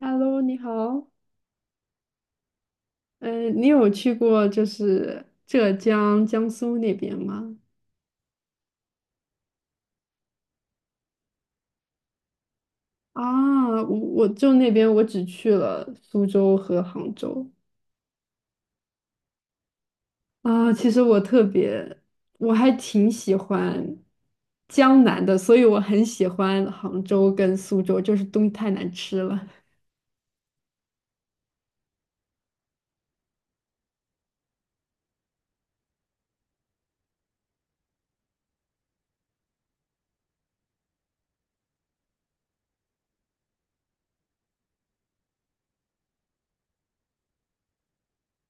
Hello，你好。嗯，你有去过就是浙江、江苏那边吗？啊，我就那边我只去了苏州和杭州。啊，其实我特别，我还挺喜欢江南的，所以我很喜欢杭州跟苏州，就是东西太难吃了。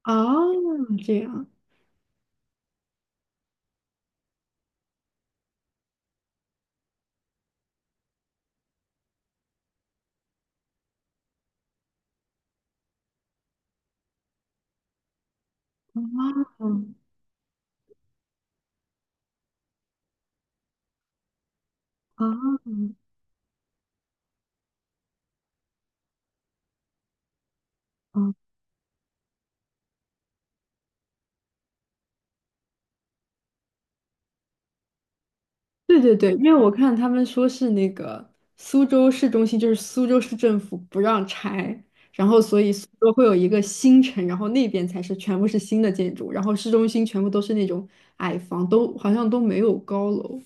啊，这样。啊啊啊！对对对，因为我看他们说是那个苏州市中心，就是苏州市政府不让拆，然后所以苏州会有一个新城，然后那边才是全部是新的建筑，然后市中心全部都是那种矮房，都好像都没有高楼。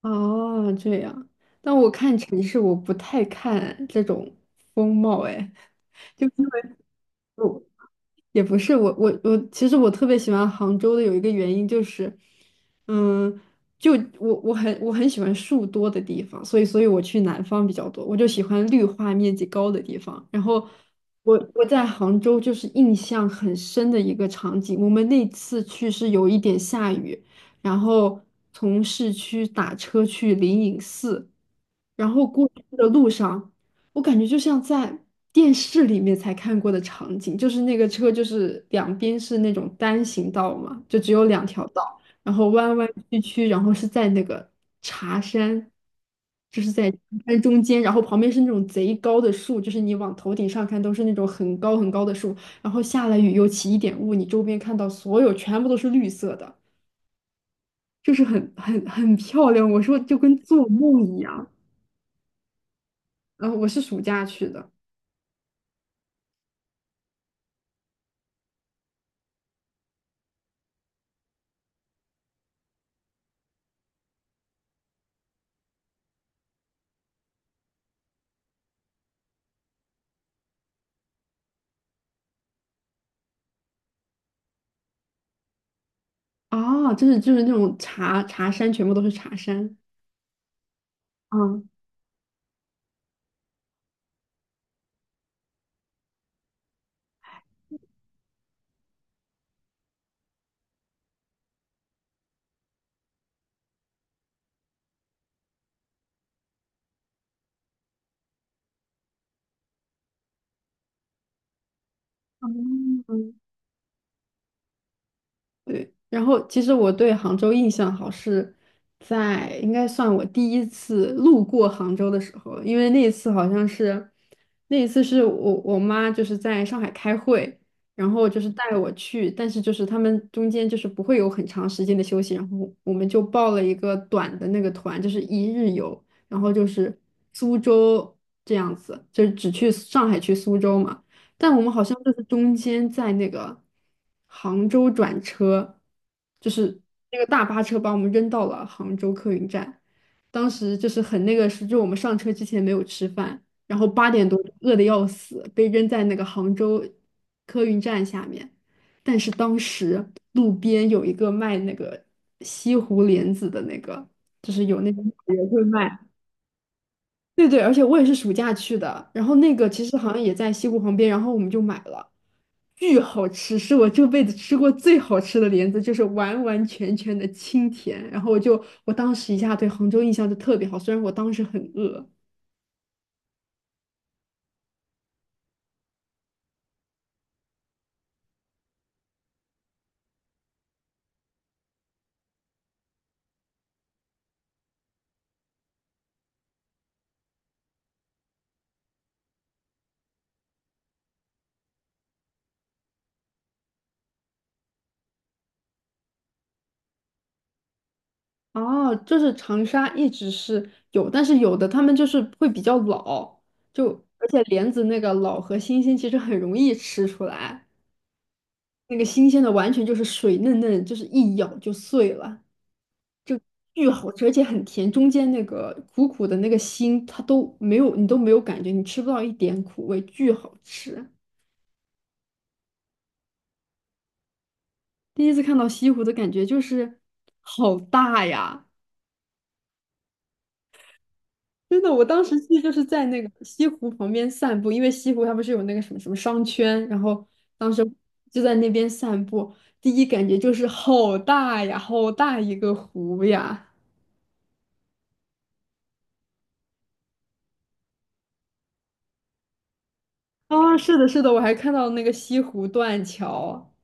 哦，这样。但我看城市，我不太看这种风貌，哎。就因为 我也不是我，其实我特别喜欢杭州的有一个原因就是，嗯，就我很我很喜欢树多的地方，所以我去南方比较多，我就喜欢绿化面积高的地方。然后我在杭州就是印象很深的一个场景，我们那次去是有一点下雨，然后从市区打车去灵隐寺。然后过去的路上，我感觉就像在电视里面才看过的场景，就是那个车就是两边是那种单行道嘛，就只有两条道，然后弯弯曲曲，然后是在那个茶山，就是在茶山中间，然后旁边是那种贼高的树，就是你往头顶上看都是那种很高很高的树，然后下了雨又起一点雾，你周边看到所有全部都是绿色的。就是很很漂亮，我说就跟做梦一样。然后我是暑假去的。哦，就是那种茶山，全部都是茶山。嗯，哦，对，然后其实我对杭州印象好是在应该算我第一次路过杭州的时候，因为那一次好像是那一次是我妈就是在上海开会，然后就是带我去，但是就是他们中间就是不会有很长时间的休息，然后我们就报了一个短的那个团，就是一日游，然后就是苏州这样子，就是只去上海去苏州嘛。但我们好像就是中间在那个杭州转车，就是那个大巴车把我们扔到了杭州客运站。当时就是很那个是，就我们上车之前没有吃饭，然后八点多饿得要死，被扔在那个杭州客运站下面。但是当时路边有一个卖那个西湖莲子的那个，就是有那种也会卖。对对，而且我也是暑假去的，然后那个其实好像也在西湖旁边，然后我们就买了，巨好吃，是我这辈子吃过最好吃的莲子，就是完完全全的清甜。然后我当时一下对杭州印象就特别好，虽然我当时很饿。哦，就是长沙一直是有，但是有的他们就是会比较老，就而且莲子那个老和新鲜其实很容易吃出来，那个新鲜的完全就是水嫩嫩，就是一咬就碎了。巨好吃，而且很甜，中间那个苦苦的那个心，它都没有，你都没有感觉，你吃不到一点苦味，巨好吃。第一次看到西湖的感觉就是好大呀！真的，我当时去就是在那个西湖旁边散步，因为西湖它不是有那个什么什么商圈，然后当时就在那边散步，第一感觉就是好大呀，好大一个湖呀！啊，是的，是的，我还看到那个西湖断桥。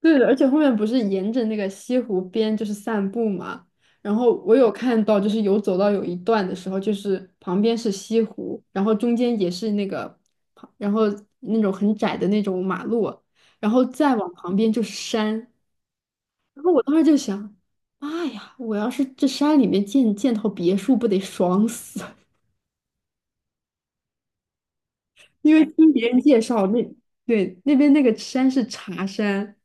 对的，而且后面不是沿着那个西湖边就是散步嘛，然后我有看到，就是有走到有一段的时候，就是旁边是西湖，然后中间也是那个，然后那种很窄的那种马路，然后再往旁边就是山，然后我当时就想，妈呀，我要是这山里面建套别墅，不得爽死？因为听别人介绍，那对那边那个山是茶山，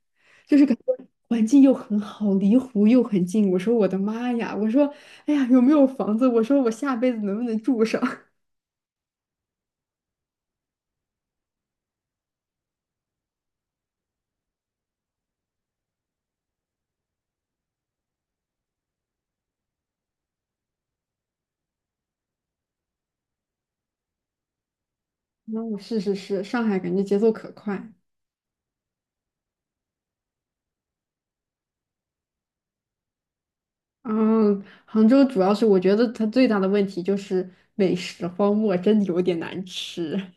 就是感觉环境又很好，离湖又很近。我说我的妈呀！我说哎呀，有没有房子？我说我下辈子能不能住上？嗯，是是是，上海感觉节奏可快。嗯，杭州主要是我觉得它最大的问题就是美食荒漠，真的有点难吃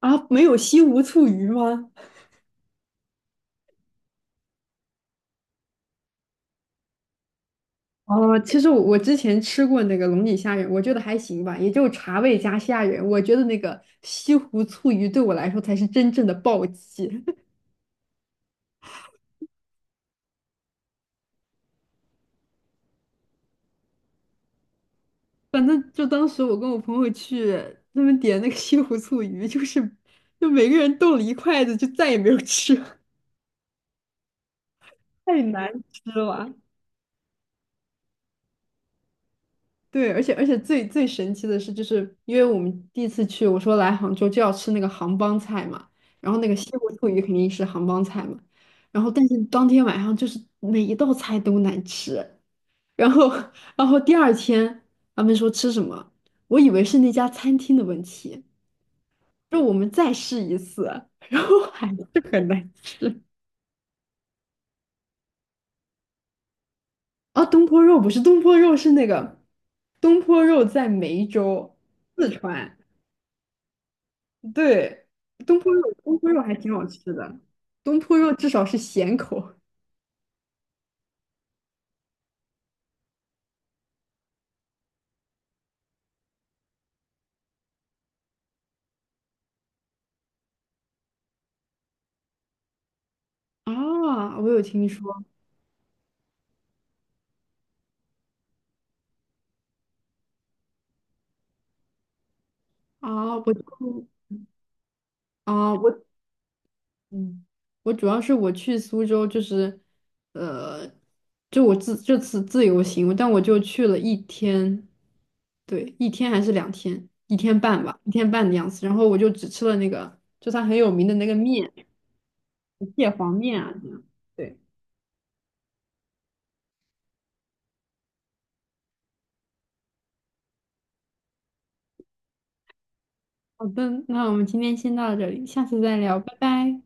啊！没有西湖醋鱼吗？哦，其实我之前吃过那个龙井虾仁，我觉得还行吧，也就茶味加虾仁。我觉得那个西湖醋鱼对我来说才是真正的暴击。反正就当时我跟我朋友去，他们点那个西湖醋鱼，就每个人动了一筷子，就再也没有吃，太难吃了。对，而且最最神奇的是，就是因为我们第一次去，我说来杭州就要吃那个杭帮菜嘛，然后那个西湖醋鱼肯定是杭帮菜嘛，然后但是当天晚上就是每一道菜都难吃，然后 然后第二天他们说吃什么，我以为是那家餐厅的问题，说我们再试一次，然后还是很难吃。啊，东坡肉不是东坡肉在梅州，四川。对，东坡肉还挺好吃的。东坡肉至少是咸口。啊，我有听说啊，我就啊，我嗯，我主要是我去苏州，呃，就我这次自由行，但我就去了一天，对，一天还是两天，一天半吧，一天半的样子。然后我就只吃了那个，就它很有名的那个面，蟹黄面啊，这样。对，好的，那我们今天先到这里，下次再聊，拜拜。